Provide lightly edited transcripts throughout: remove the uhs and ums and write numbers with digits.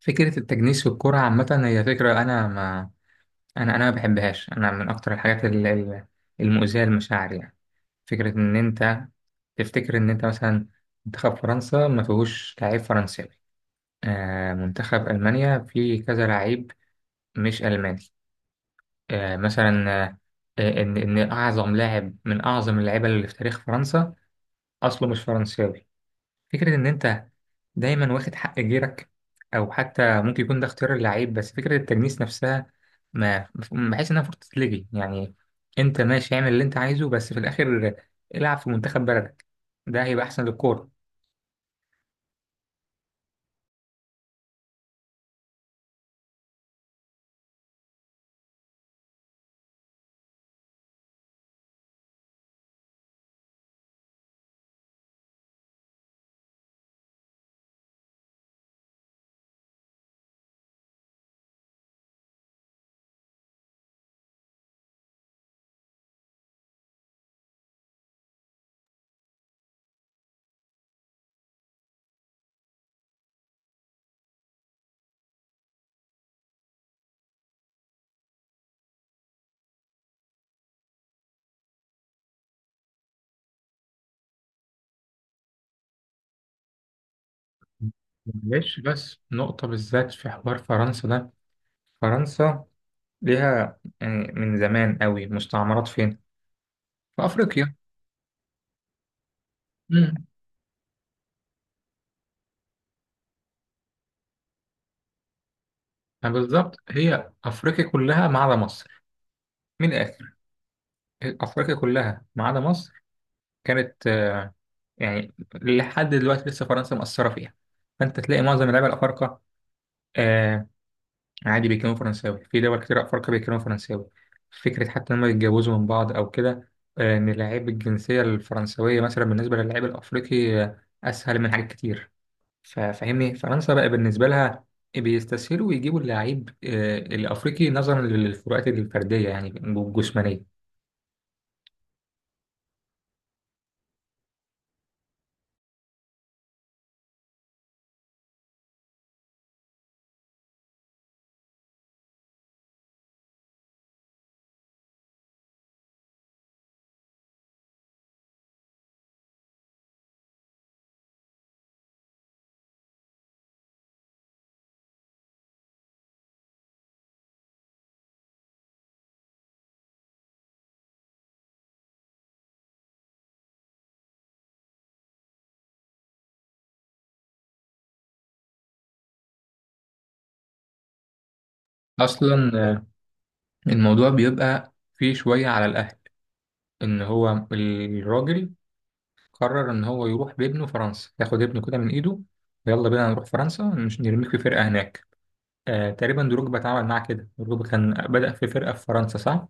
فكرة التجنيس في الكرة عامة هي فكرة أنا ما بحبهاش. أنا من أكتر الحاجات المؤذية للمشاعر، يعني فكرة إن أنت تفتكر إن أنت مثلا منتخب فرنسا ما فيهوش لعيب فرنساوي، آه منتخب ألمانيا فيه كذا لعيب مش ألماني. آه مثلا، آه إن أعظم لاعب من أعظم اللعيبة اللي في تاريخ فرنسا أصله مش فرنساوي. فكرة إن أنت دايما واخد حق جيرك، أو حتى ممكن يكون ده اختيار اللعيب، بس فكرة التجنيس نفسها ما بحس إنها فرصة تتلغي، يعني أنت ماشي اعمل اللي أنت عايزه، بس في الآخر العب في منتخب بلدك، ده هيبقى أحسن للكورة. معلش بس نقطة بالذات في حوار فرنسا ده، فرنسا ليها يعني من زمان قوي مستعمرات فين؟ في أفريقيا. امم، بالظبط، هي أفريقيا كلها ما عدا مصر. من الآخر، أفريقيا كلها ما عدا مصر كانت يعني لحد دلوقتي لسه فرنسا مأثرة فيها. فأنت تلاقي معظم اللعيبة الأفارقة، آه، عادي بيتكلموا فرنساوي، في دول كتير أفارقة بيتكلموا فرنساوي. فكرة حتى إن هم يتجوزوا من بعض أو كده، إن لعيب الجنسية الفرنسوية مثلا بالنسبة للعيب الأفريقي أسهل من حاجات كتير. فاهمني، فرنسا بقى بالنسبة لها بيستسهلوا يجيبوا اللعيب الأفريقي نظرا للفروقات الفردية يعني الجسمانية. أصلا الموضوع بيبقى فيه شوية على الأهل، ان هو الراجل قرر ان هو يروح بابنه فرنسا، ياخد ابنه كده من ايده ويلا بينا نروح فرنسا، مش نرميك في فرقه هناك. آه تقريبا دروجبا اتعامل معاه كده، دروجبا كان بدأ في فرقه في فرنسا صح.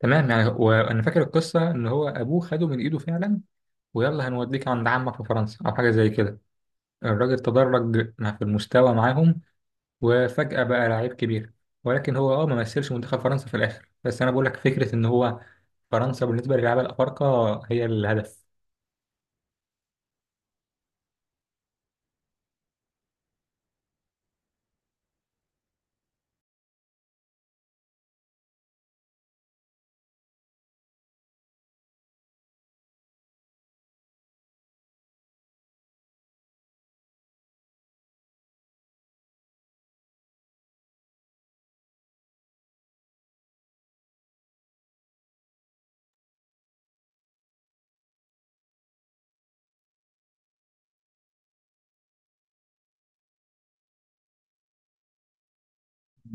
تمام، يعني وانا فاكر القصه ان هو ابوه خده من ايده فعلا، ويلا هنوديك عند عمك في فرنسا او حاجه زي كده. الراجل تدرج في المستوى معاهم، وفجأة بقى لعيب كبير، ولكن هو اه ما مثلش منتخب فرنسا في الاخر. بس انا بقول لك فكره ان هو فرنسا بالنسبه للعيبه الافارقه هي الهدف.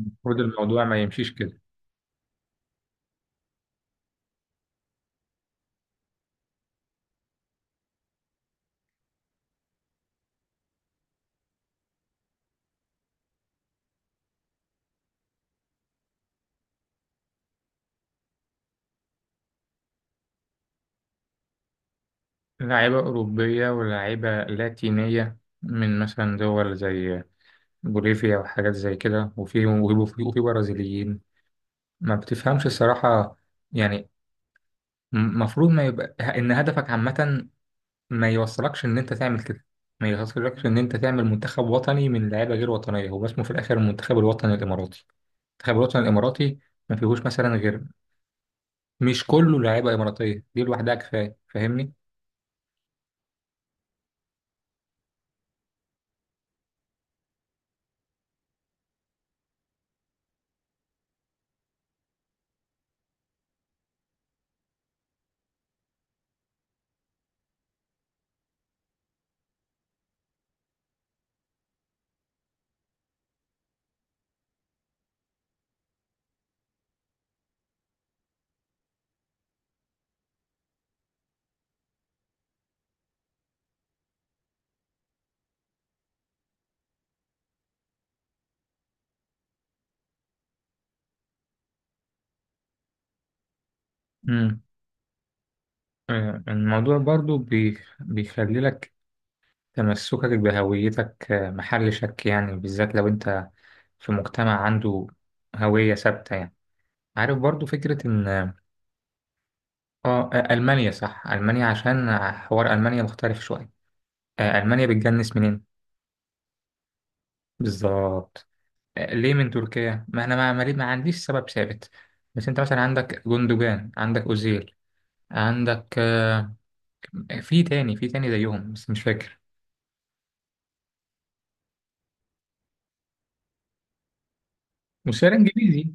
المفروض الموضوع ما يمشيش كده. لعيبة أوروبية ولاعيبة لاتينية من مثلا دول زي بوليفيا وحاجات زي كده، وفي برازيليين. ما بتفهمش الصراحة، يعني المفروض ما يبقى إن هدفك عامة ما يوصلكش إن أنت تعمل كده، ما يوصلكش إن أنت تعمل منتخب وطني من لعيبة غير وطنية. هو اسمه في الآخر المنتخب الوطني الإماراتي، المنتخب الوطني الإماراتي ما فيهوش مثلا غير، مش كله لعيبة إماراتية، دي لوحدها كفاية، فاهمني؟ مم. آه، الموضوع برضو بيخلي لك تمسكك بهويتك محل شك، يعني بالذات لو انت في مجتمع عنده هوية ثابتة، يعني عارف برضو فكرة ان ألمانيا، صح ألمانيا، عشان حوار ألمانيا مختلف شوية. آه، ألمانيا بتجنس منين؟ بالظبط، آه، ليه من تركيا؟ ما انا ما, ما ليه- ما عنديش سبب ثابت، بس انت مثلا عندك جندوجان، عندك أوزيل، عندك في تاني زيهم بس مش فاكر. وسعر انجليزي.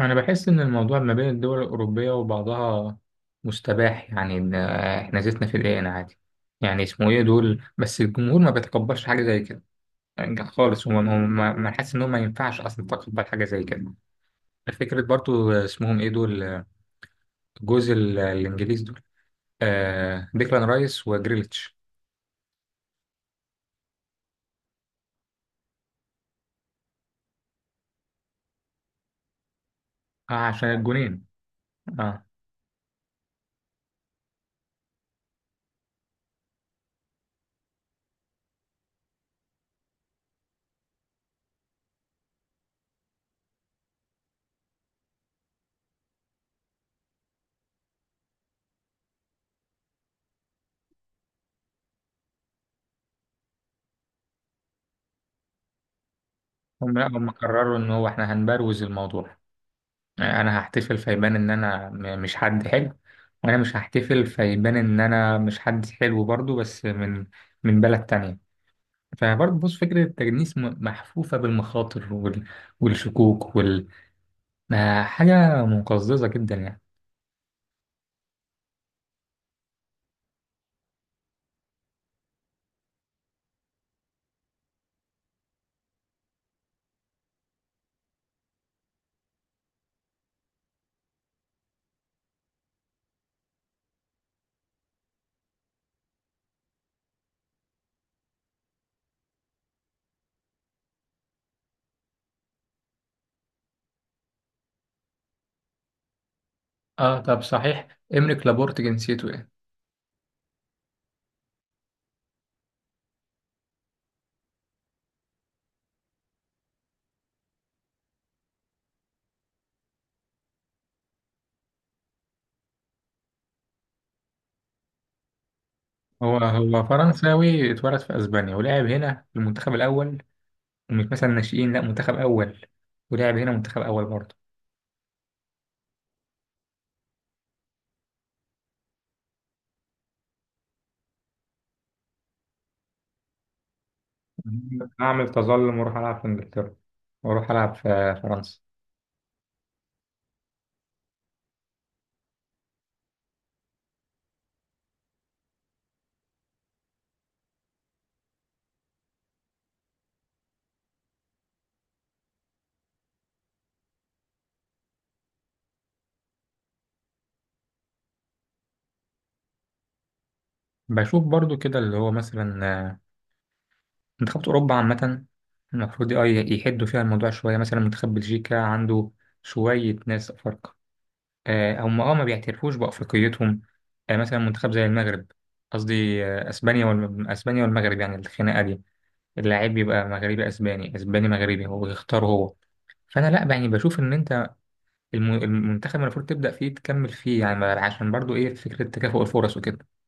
أنا بحس إن الموضوع ما بين الدول الأوروبية وبعضها مستباح، يعني إن إحنا زيتنا في العين عادي. يعني اسمه إيه دول، بس الجمهور ما بيتقبلش حاجة زي كده يعني خالص، هو ما حاسس إن هو ما ينفعش أصلا تقبل حاجة زي كده. فكرة برضو اسمهم إيه دول، جوز الإنجليز دول، آه ديكلان رايس وجريليتش. آه عشان الجونين. آه هم لا هم قرروا إن هو إحنا هنبروز الموضوع. انا هحتفل فيبان ان انا مش حد حلو، وانا مش هحتفل فيبان ان انا مش حد حلو برضو، بس من من بلد تانية. فبرضه بص، فكرة التجنيس محفوفة بالمخاطر والشكوك وال، ما حاجة مقززة جدا يعني. اه طب صحيح، إمريك لابورت جنسيته ايه؟ هو هو فرنساوي، اتولد في اسبانيا ولعب هنا في المنتخب الاول. ومش مثلا ناشئين، لا منتخب اول، ولعب هنا منتخب اول برضه. أعمل تظلم وأروح ألعب في إنجلترا، وأروح ألعب في فرنسا. بشوف برضو كده اللي هو مثلا منتخبات أوروبا عامة المفروض اه يحدوا فيها الموضوع شوية. مثلا منتخب بلجيكا عنده شوية ناس أفارقة، هم اه ما بيعترفوش بأفريقيتهم. آه، مثلا منتخب زي المغرب، قصدي أسبانيا والمغرب، يعني الخناقة دي، اللاعب بيبقى مغربي أسباني أسباني مغربي، هو بيختار هو. فأنا لأ، يعني بشوف إن المنتخب المفروض تبدأ فيه تكمل فيه، يعني عشان برضو ايه فكرة تكافؤ الفرص وكده.